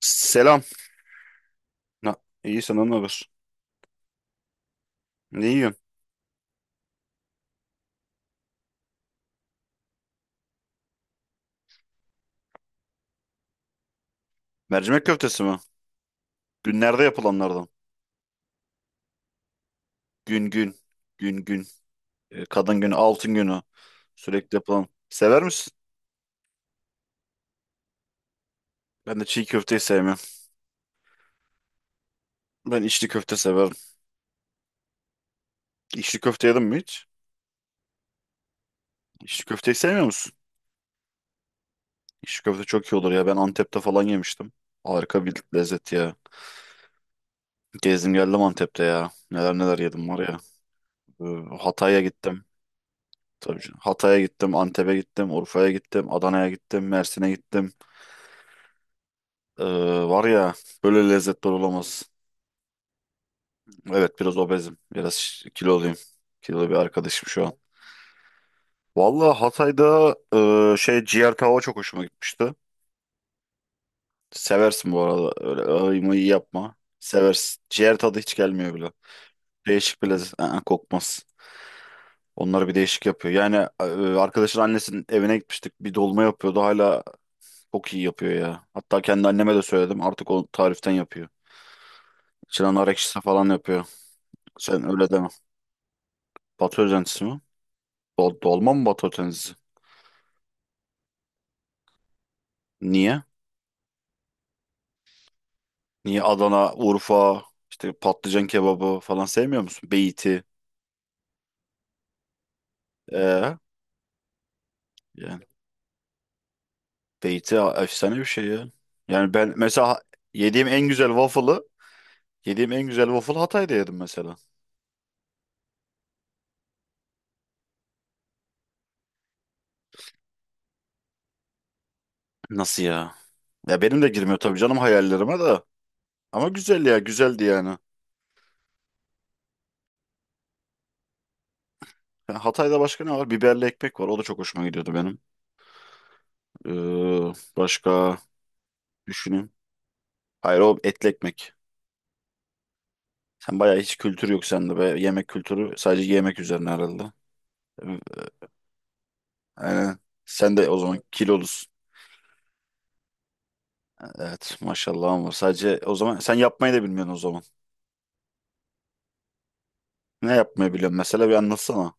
Selam. Na, iyi senden ne haber? Ne yiyorsun? Mercimek köftesi mi? Günlerde yapılanlardan. Gün gün. Gün gün. Kadın günü, altın günü. Sürekli yapılan. Sever misin? Ben de çiğ köfteyi sevmem. Ben içli köfte severim. İçli köfte yedim mi hiç? İçli köfteyi sevmiyor musun? İçli köfte çok iyi olur ya. Ben Antep'te falan yemiştim. Harika bir lezzet ya. Gezdim geldim Antep'te ya. Neler neler yedim var ya. E, Hatay'a gittim. Tabii canım. Hatay'a gittim, Antep'e gittim, Urfa'ya gittim, Adana'ya gittim, Mersin'e gittim. Ee, Var ya, böyle lezzetler olamaz. Evet, biraz obezim. Biraz kiloluyum. Kilolu bir arkadaşım şu an. Vallahi Hatay'da ciğer tava çok hoşuma gitmişti. Seversin bu arada. Öyle ağıyı mıyı yapma. Seversin. Ciğer tadı hiç gelmiyor bile. Değişik bir lezzet. Aa, kokmaz. Onları bir değişik yapıyor. Yani e, arkadaşın annesinin evine gitmiştik. Bir dolma yapıyordu. Hala çok iyi yapıyor ya. Hatta kendi anneme de söyledim. Artık o tariften yapıyor. İçine nar ekşisi falan yapıyor. Sen öyle deme. Batı özentisi mi? Dolma mı Batı Akdeniz'i? Niye? Niye Adana, Urfa, işte patlıcan kebabı falan sevmiyor musun? Beyti. Ee, Yani beyti efsane bir şey ya. Yani ben mesela yediğim en güzel waffle'ı, yediğim en güzel waffle'ı Hatay'da yedim mesela. Nasıl ya? Ya benim de girmiyor tabii canım hayallerime de. Ama güzel ya, güzeldi yani. Ha, Hatay'da başka ne var? Biberli ekmek var. O da çok hoşuma gidiyordu benim. Başka düşüneyim. Hayır, o etli ekmek. Sen bayağı hiç kültür yok sende be. Yemek kültürü sadece yemek üzerine herhalde. Evet. Aynen. Sen de o zaman kilolusun. Evet maşallah, ama sadece o zaman sen yapmayı da bilmiyorsun o zaman. Ne yapmayı biliyorsun mesela, bir anlatsana.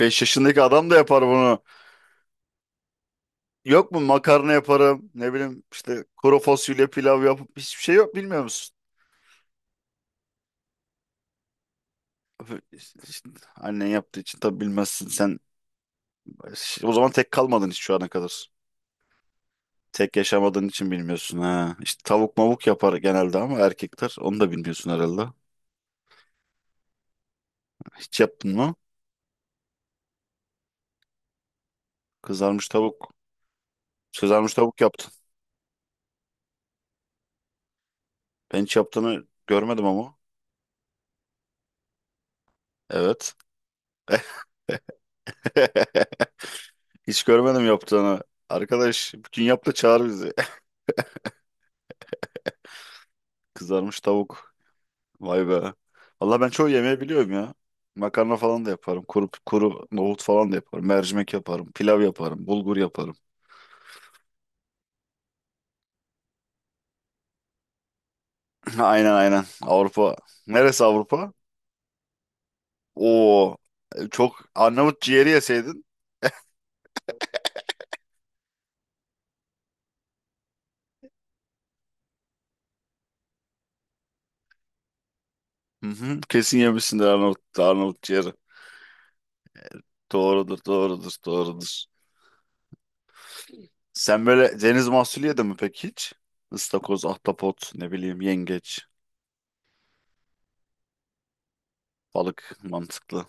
5 yaşındaki adam da yapar bunu. Yok mu makarna yaparım, ne bileyim, işte kuru fasulye pilav yapıp, hiçbir şey yok, bilmiyor musun? Öf, işte annen yaptığı için tabii bilmezsin sen. O zaman tek kalmadın hiç şu ana kadar. Tek yaşamadığın için bilmiyorsun ha. İşte tavuk mavuk yapar genelde ama erkekler. Onu da bilmiyorsun herhalde. Hiç yaptın mı? Kızarmış tavuk. Kızarmış tavuk yaptın. Ben hiç yaptığını görmedim ama. Evet. Hiç görmedim yaptığını. Arkadaş bütün yap da çağır bizi. Kızarmış tavuk. Vay be. Valla ben çoğu yemeği biliyorum ya. Makarna falan da yaparım. Kuru nohut falan da yaparım. Mercimek yaparım. Pilav yaparım. Bulgur yaparım. Aynen, aynen. Avrupa. Neresi Avrupa? Oo, çok Arnavut ciğeri yeseydin. Hı hı, kesin yemişsindir Arnavut ciğeri. Doğrudur, doğrudur, doğrudur. Sen böyle deniz mahsulü yedin mi peki hiç? Istakoz, ahtapot, ne bileyim, yengeç, balık mantıklı.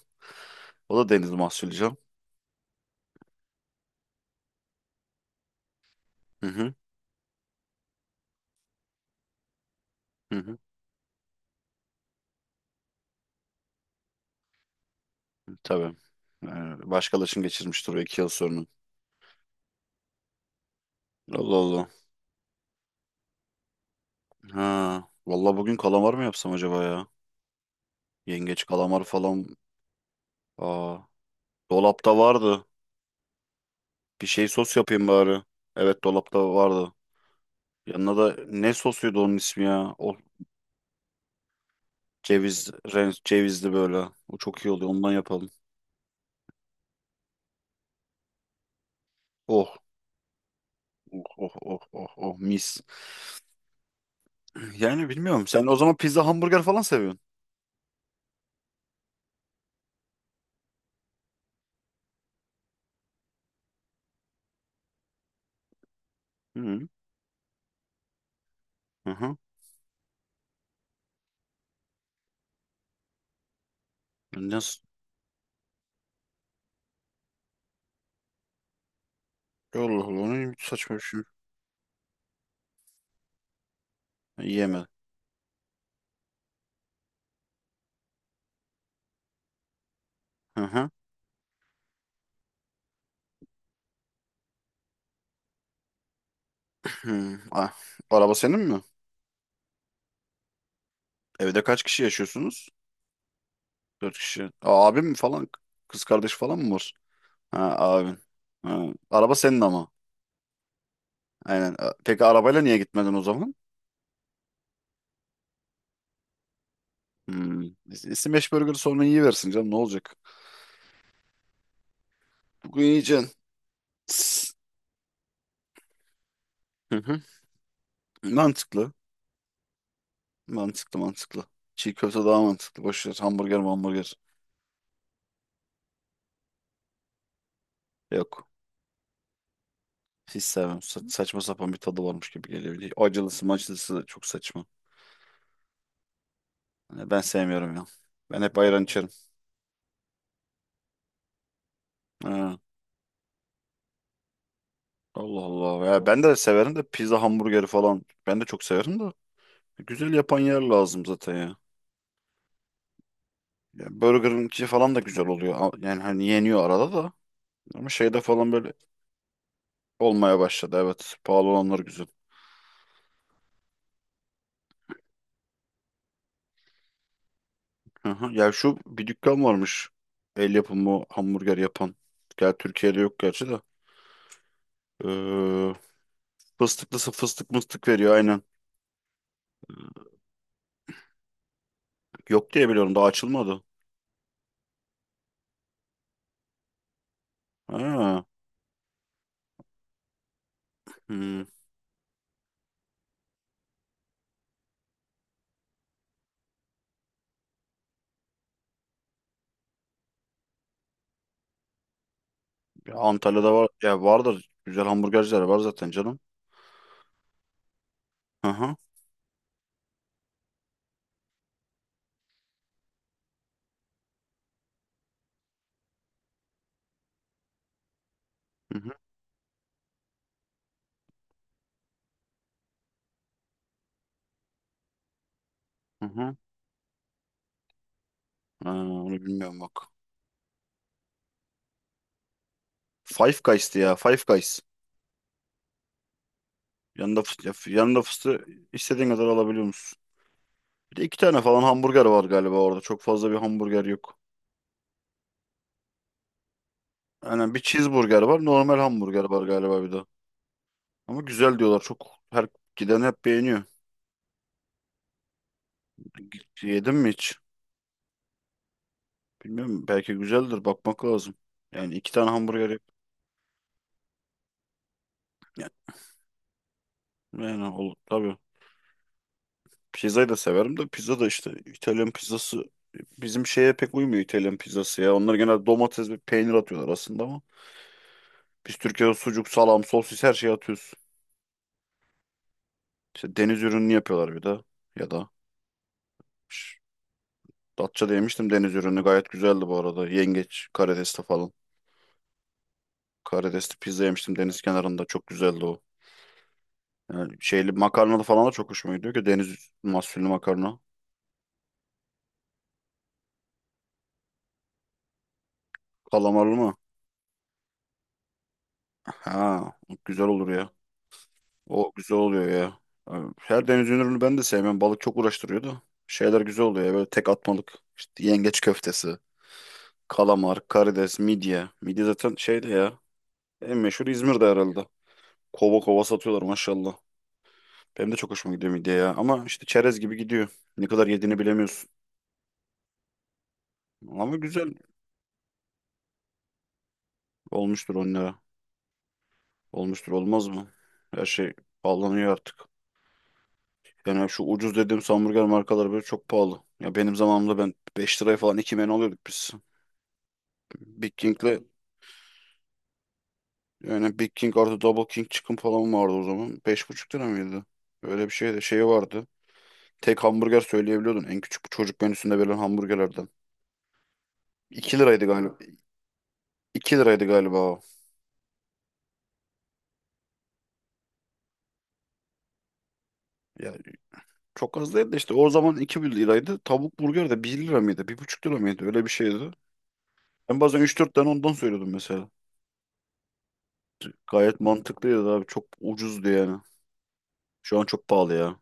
O da deniz mahsulü canım. Hı hı, hı hı, tabii. Başkalaşım geçirmiştir o 2 yıl sonra. Allah Allah. Ha, vallahi bugün kalamar mı yapsam acaba ya? Yengeç, kalamar falan. Aa, dolapta vardı. Bir şey sos yapayım bari. Evet, dolapta vardı. Yanına da ne sosuydu onun ismi ya? O ceviz, cevizli böyle. O çok iyi oluyor. Ondan yapalım. Oh, oh, oh, oh, oh, oh, mis. Yani bilmiyorum. Sen o zaman pizza, hamburger falan seviyorsun. Hı hı. Hı hı. Nasıl? Allah Allah. O ne saçma bir şey. Yeme. Hı hı. Hı. Ah, araba senin mi? Evde kaç kişi yaşıyorsunuz? Dört kişi. Aa, abim mi falan? Kız kardeş falan mı var? Ha, abin. Ha, araba senin ama. Aynen. Peki arabayla niye gitmedin o zaman? Hmm. İsim beş burger sonra iyi versin canım, ne olacak? Bugün yiyeceksin. Tıs. Hı hı. Mantıklı. Mantıklı, mantıklı. Çiğ köfte daha mantıklı. Boş ver. Hamburger, hamburger. Yok. Hiç sevmem. Saçma sapan bir tadı varmış gibi geliyor. Bir de acılısı macılısı da çok saçma. Yani ben sevmiyorum ya. Ben hep ayran içerim. Ha. Allah Allah. Ya ben de severim de pizza hamburgeri falan. Ben de çok severim de. Güzel yapan yer lazım zaten ya. Ya Burger'ınki falan da güzel oluyor. Yani hani yeniyor arada da. Ama şeyde falan böyle olmaya başladı. Evet. Pahalı olanlar güzel. Hı hı. Ya şu bir dükkan varmış. El yapımı hamburger yapan. Gel, Türkiye'de yok gerçi de. Ee, Fıstıklısı fıstık mıstık veriyor aynen. Yok diye biliyorum, daha açılmadı. Ha. Hmm. Ya Antalya'da var. Ya vardır. Güzel hamburgerciler var zaten canım. Hı hı. Hı hı. Hı hı. Ha, onu bilmiyorum bak. Five Guys'tı ya. Five Guys. Yanında fıstığı istediğin kadar alabiliyor musun? Bir de iki tane falan hamburger var galiba orada. Çok fazla bir hamburger yok. Yani bir cheeseburger var. Normal hamburger var galiba bir de. Ama güzel diyorlar. Çok, her giden hep beğeniyor. Yedin mi hiç? Bilmiyorum. Belki güzeldir. Bakmak lazım. Yani iki tane hamburger yap. Yani, yani olur tabii. Pizzayı da severim de, pizza da işte İtalyan pizzası bizim şeye pek uymuyor İtalyan pizzası ya. Onlar genelde domates ve peynir atıyorlar aslında ama biz Türkiye'de sucuk, salam, sosis, her şeyi atıyoruz. İşte deniz ürünü yapıyorlar bir de. Ya da Şş, Datça'da yemiştim deniz ürünü. Gayet güzeldi bu arada. Yengeç, karidesli falan. Karidesli pizza yemiştim deniz kenarında. Çok güzeldi o. Yani şeyli makarnalı falan da çok hoşuma gidiyor ki, deniz mahsullü makarna. Kalamarlı mı? Ha, güzel olur ya. O güzel oluyor ya. Yani her deniz ürünü ben de sevmem. Balık çok uğraştırıyor da. Şeyler güzel oluyor ya. Böyle tek atmalık. İşte yengeç köftesi, kalamar, karides, midye. Midye zaten şeydi ya. En meşhur İzmir'de herhalde. Kova kova satıyorlar maşallah. Benim de çok hoşuma gidiyor midye ya. Ama işte çerez gibi gidiyor. Ne kadar yediğini bilemiyorsun. Ama güzel, olmuştur 10 lira. Olmuştur, olmaz mı? Her şey pahalanıyor artık. Yani şu ucuz dediğim hamburger markaları böyle çok pahalı. Ya benim zamanımda ben 5 liraya falan 2 menü alıyorduk biz. Big King'le, yani Big King artı Double King çıkın falan vardı o zaman. 5,5 lira mıydı? Öyle bir şeydi. Şeyi vardı. Tek hamburger söyleyebiliyordun. En küçük çocuk menüsünde verilen hamburgerlerden. 2 liraydı galiba. 2 liraydı galiba o. Ya çok az değil de, işte o zaman 2 liraydı. Tavuk burger de 1 lira mıydı, 1,5 lira mıydı? Öyle bir şeydi. Ben bazen 3-4 tane ondan söylüyordum mesela. Gayet mantıklıydı abi. Çok ucuzdu yani. Şu an çok pahalı ya.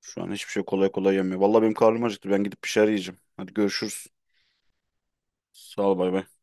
Şu an hiçbir şey kolay kolay yemiyor. Vallahi benim karnım acıktı. Ben gidip bir şeyler yiyeceğim. Hadi görüşürüz. Sağ ol, bay bay.